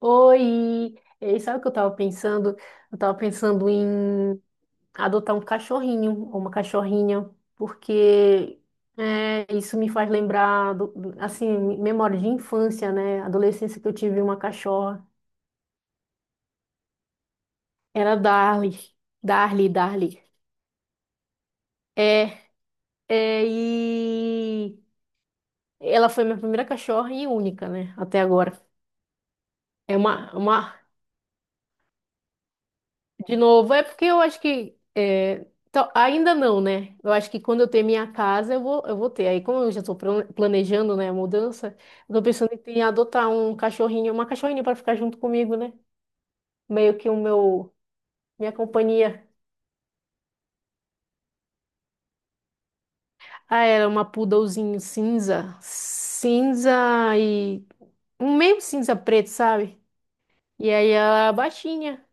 Oi! E sabe o que eu tava pensando? Eu tava pensando em adotar um cachorrinho ou uma cachorrinha, porque isso me faz lembrar, assim, memória de infância, né? Adolescência que eu tive uma cachorra. Era Darly. Darly. É, e ela foi minha primeira cachorra e única, né? Até agora. É uma De novo, é porque eu acho que ainda não, né? Eu acho que quando eu ter minha casa, eu vou ter. Aí, como eu já estou planejando, né, a mudança, eu tô pensando em adotar um cachorrinho, uma cachorrinha para ficar junto comigo, né? Meio que o meu, minha companhia. Ah, era uma poodlezinho cinza e um meio cinza preto, sabe? E aí a baixinha.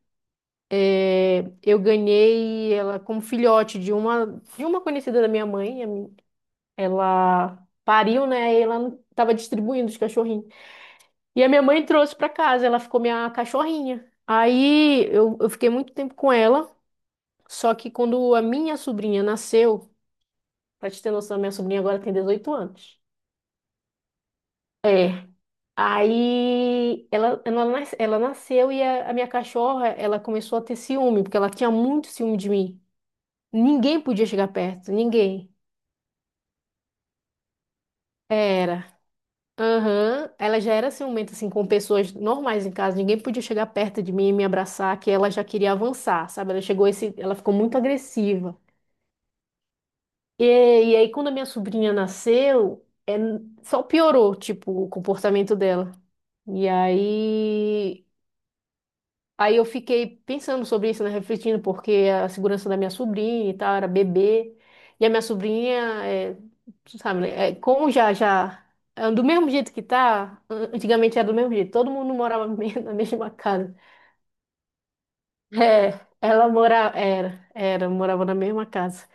É, eu ganhei ela como filhote de uma conhecida da minha mãe. Ela pariu, né? E ela tava distribuindo os cachorrinhos. E a minha mãe trouxe pra casa, ela ficou minha cachorrinha. Aí eu fiquei muito tempo com ela, só que quando a minha sobrinha nasceu, pra te ter noção, minha sobrinha agora tem 18 anos. É. Aí ela nasceu e a minha cachorra, ela começou a ter ciúme, porque ela tinha muito ciúme de mim. Ninguém podia chegar perto, ninguém. Era. Aham, ela já era ciumenta, assim, com pessoas normais em casa. Ninguém podia chegar perto de mim e me abraçar, que ela já queria avançar, sabe? Ela ficou muito agressiva. E aí, quando a minha sobrinha nasceu, só piorou, tipo, o comportamento dela. E aí, Aí eu fiquei pensando sobre isso, né, refletindo, porque a segurança da minha sobrinha e tal, era bebê. E a minha sobrinha, tu sabe, né, é, como já, já, é, do mesmo jeito que tá, antigamente era do mesmo jeito, todo mundo morava na mesma casa. É, ela morava, morava na mesma casa.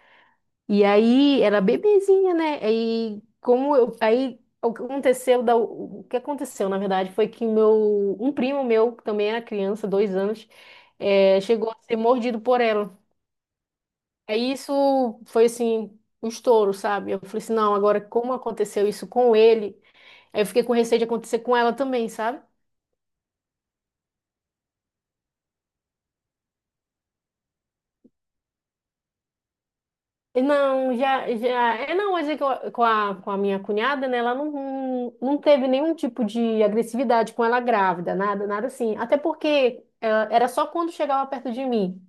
E aí era bebezinha, né? Aí como eu, aí o que aconteceu da, o que aconteceu na verdade foi que meu um primo meu que também era criança, 2 anos, chegou a ser mordido por ela. Aí isso foi assim um estouro, sabe? Eu falei assim, não, agora como aconteceu isso com ele? Aí eu fiquei com receio de acontecer com ela também, sabe? Não, é não, mas é que com a minha cunhada, né, ela não teve nenhum tipo de agressividade com ela grávida, nada assim. Até porque era só quando chegava perto de mim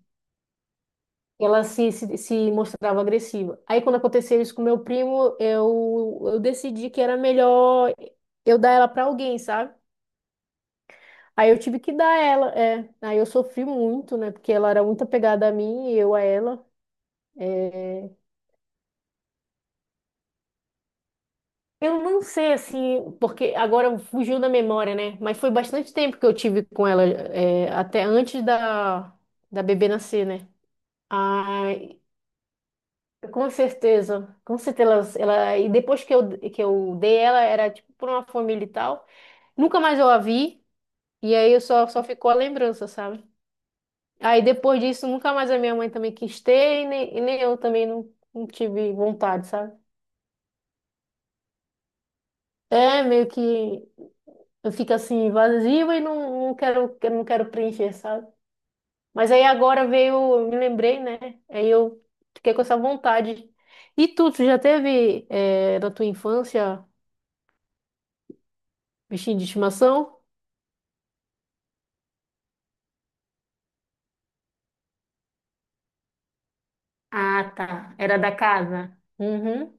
que ela se mostrava agressiva. Aí quando aconteceu isso com meu primo, eu decidi que era melhor eu dar ela pra alguém, sabe? Aí eu tive que dar ela, é. Aí eu sofri muito, né, porque ela era muito apegada a mim e eu a ela. É. Eu não sei, assim, porque agora fugiu da memória, né? Mas foi bastante tempo que eu tive com ela, é, até antes da, da bebê nascer, né? Ai, com certeza, com certeza. E depois que eu dei ela, era tipo pra uma família e tal. Nunca mais eu a vi, e aí eu só ficou a lembrança, sabe? Aí depois disso, nunca mais a minha mãe também quis ter, e nem eu também não tive vontade, sabe? É meio que. Eu fico assim vazio e não quero, eu não quero preencher, sabe? Mas aí agora veio, eu me lembrei, né? Aí eu fiquei com essa vontade. E tu já teve na tua infância bichinho de estimação? Ah, tá. Era da casa. Uhum.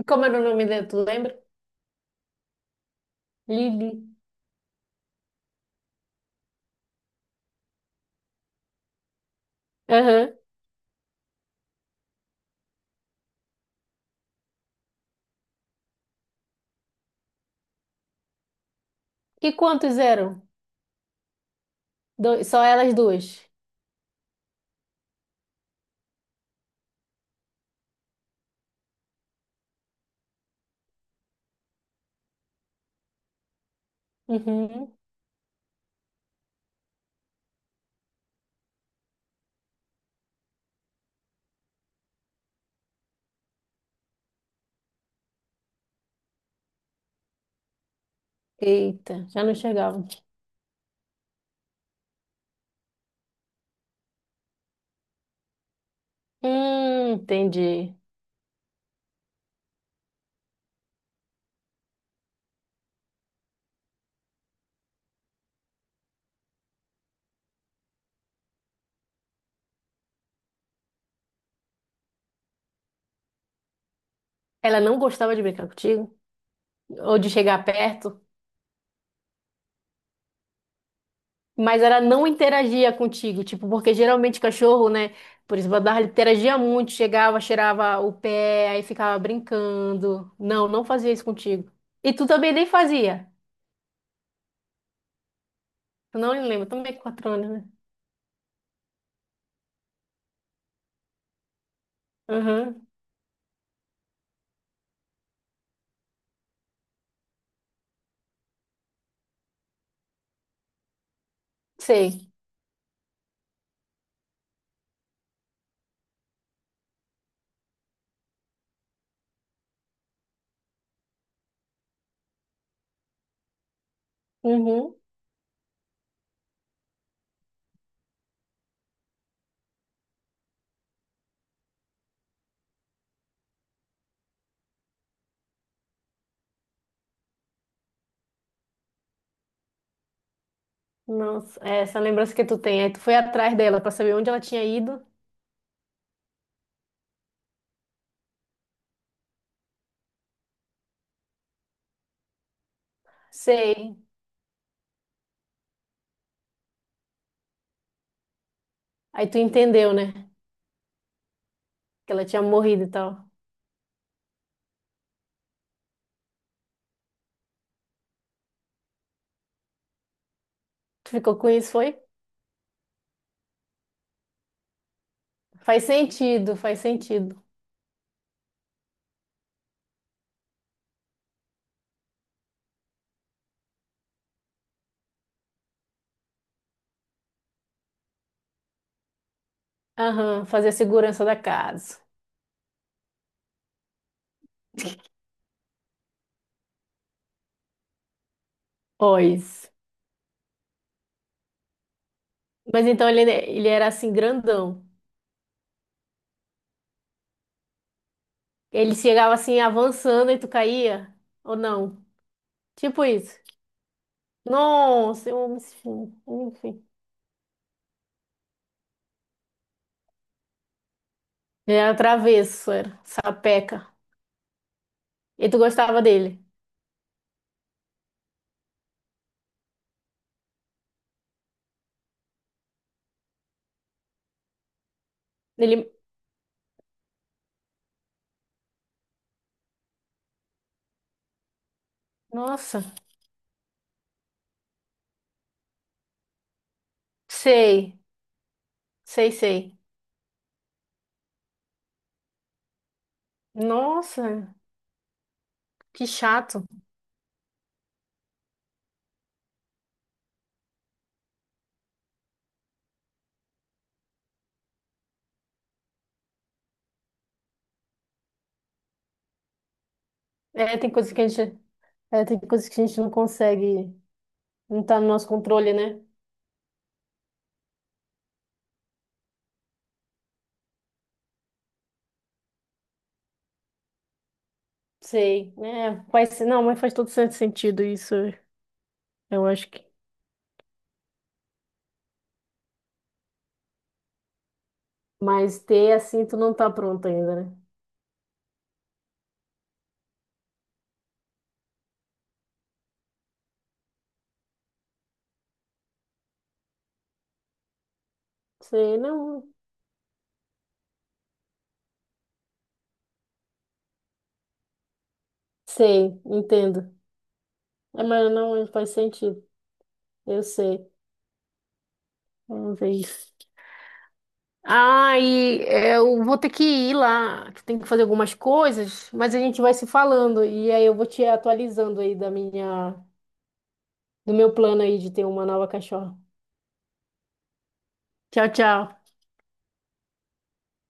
E como era o nome dela, tu lembra? Lili. Aham. E quantos eram? Dois, só elas duas. Uhum. Eita, já não chegavam. Entendi. Ela não gostava de brincar contigo? Ou de chegar perto? Mas ela não interagia contigo, tipo, porque geralmente cachorro, né? Por exemplo, a Darla interagia muito, chegava, cheirava o pé, aí ficava brincando. Não, não fazia isso contigo. E tu também nem fazia. Eu não lembro, também com 4 anos, né? Uhum, sei. Uhum. Nossa, é essa lembrança que tu tem. Aí tu foi atrás dela pra saber onde ela tinha ido. Sei. Aí tu entendeu, né? Que ela tinha morrido e tal. Tu ficou com isso, foi? Faz sentido, faz sentido. Aham, fazer a segurança da casa. Pois. Mas então ele, né, ele era assim, grandão. Ele chegava assim, avançando e tu caía? Ou não? Tipo isso. Nossa, eu amo esse filme. Enfim. Ele era travesso, era sapeca. E tu gostava dele? Ele. Nossa, sei. Sei. Nossa, que chato. É, tem coisas que a gente. É, tem coisas que a gente não consegue. Não tá no nosso controle, né? Sei. É, faz, não, mas faz todo sentido isso. Eu acho que. Mas ter assim, tu não tá pronto ainda, né? Sei, não. Sei, entendo. É, mas não faz sentido. Eu sei. Vamos ver isso. Ah, e eu vou ter que ir lá, que tem que fazer algumas coisas, mas a gente vai se falando e aí eu vou te atualizando aí da minha, do meu plano aí de ter uma nova cachorra. Tchau, tchau.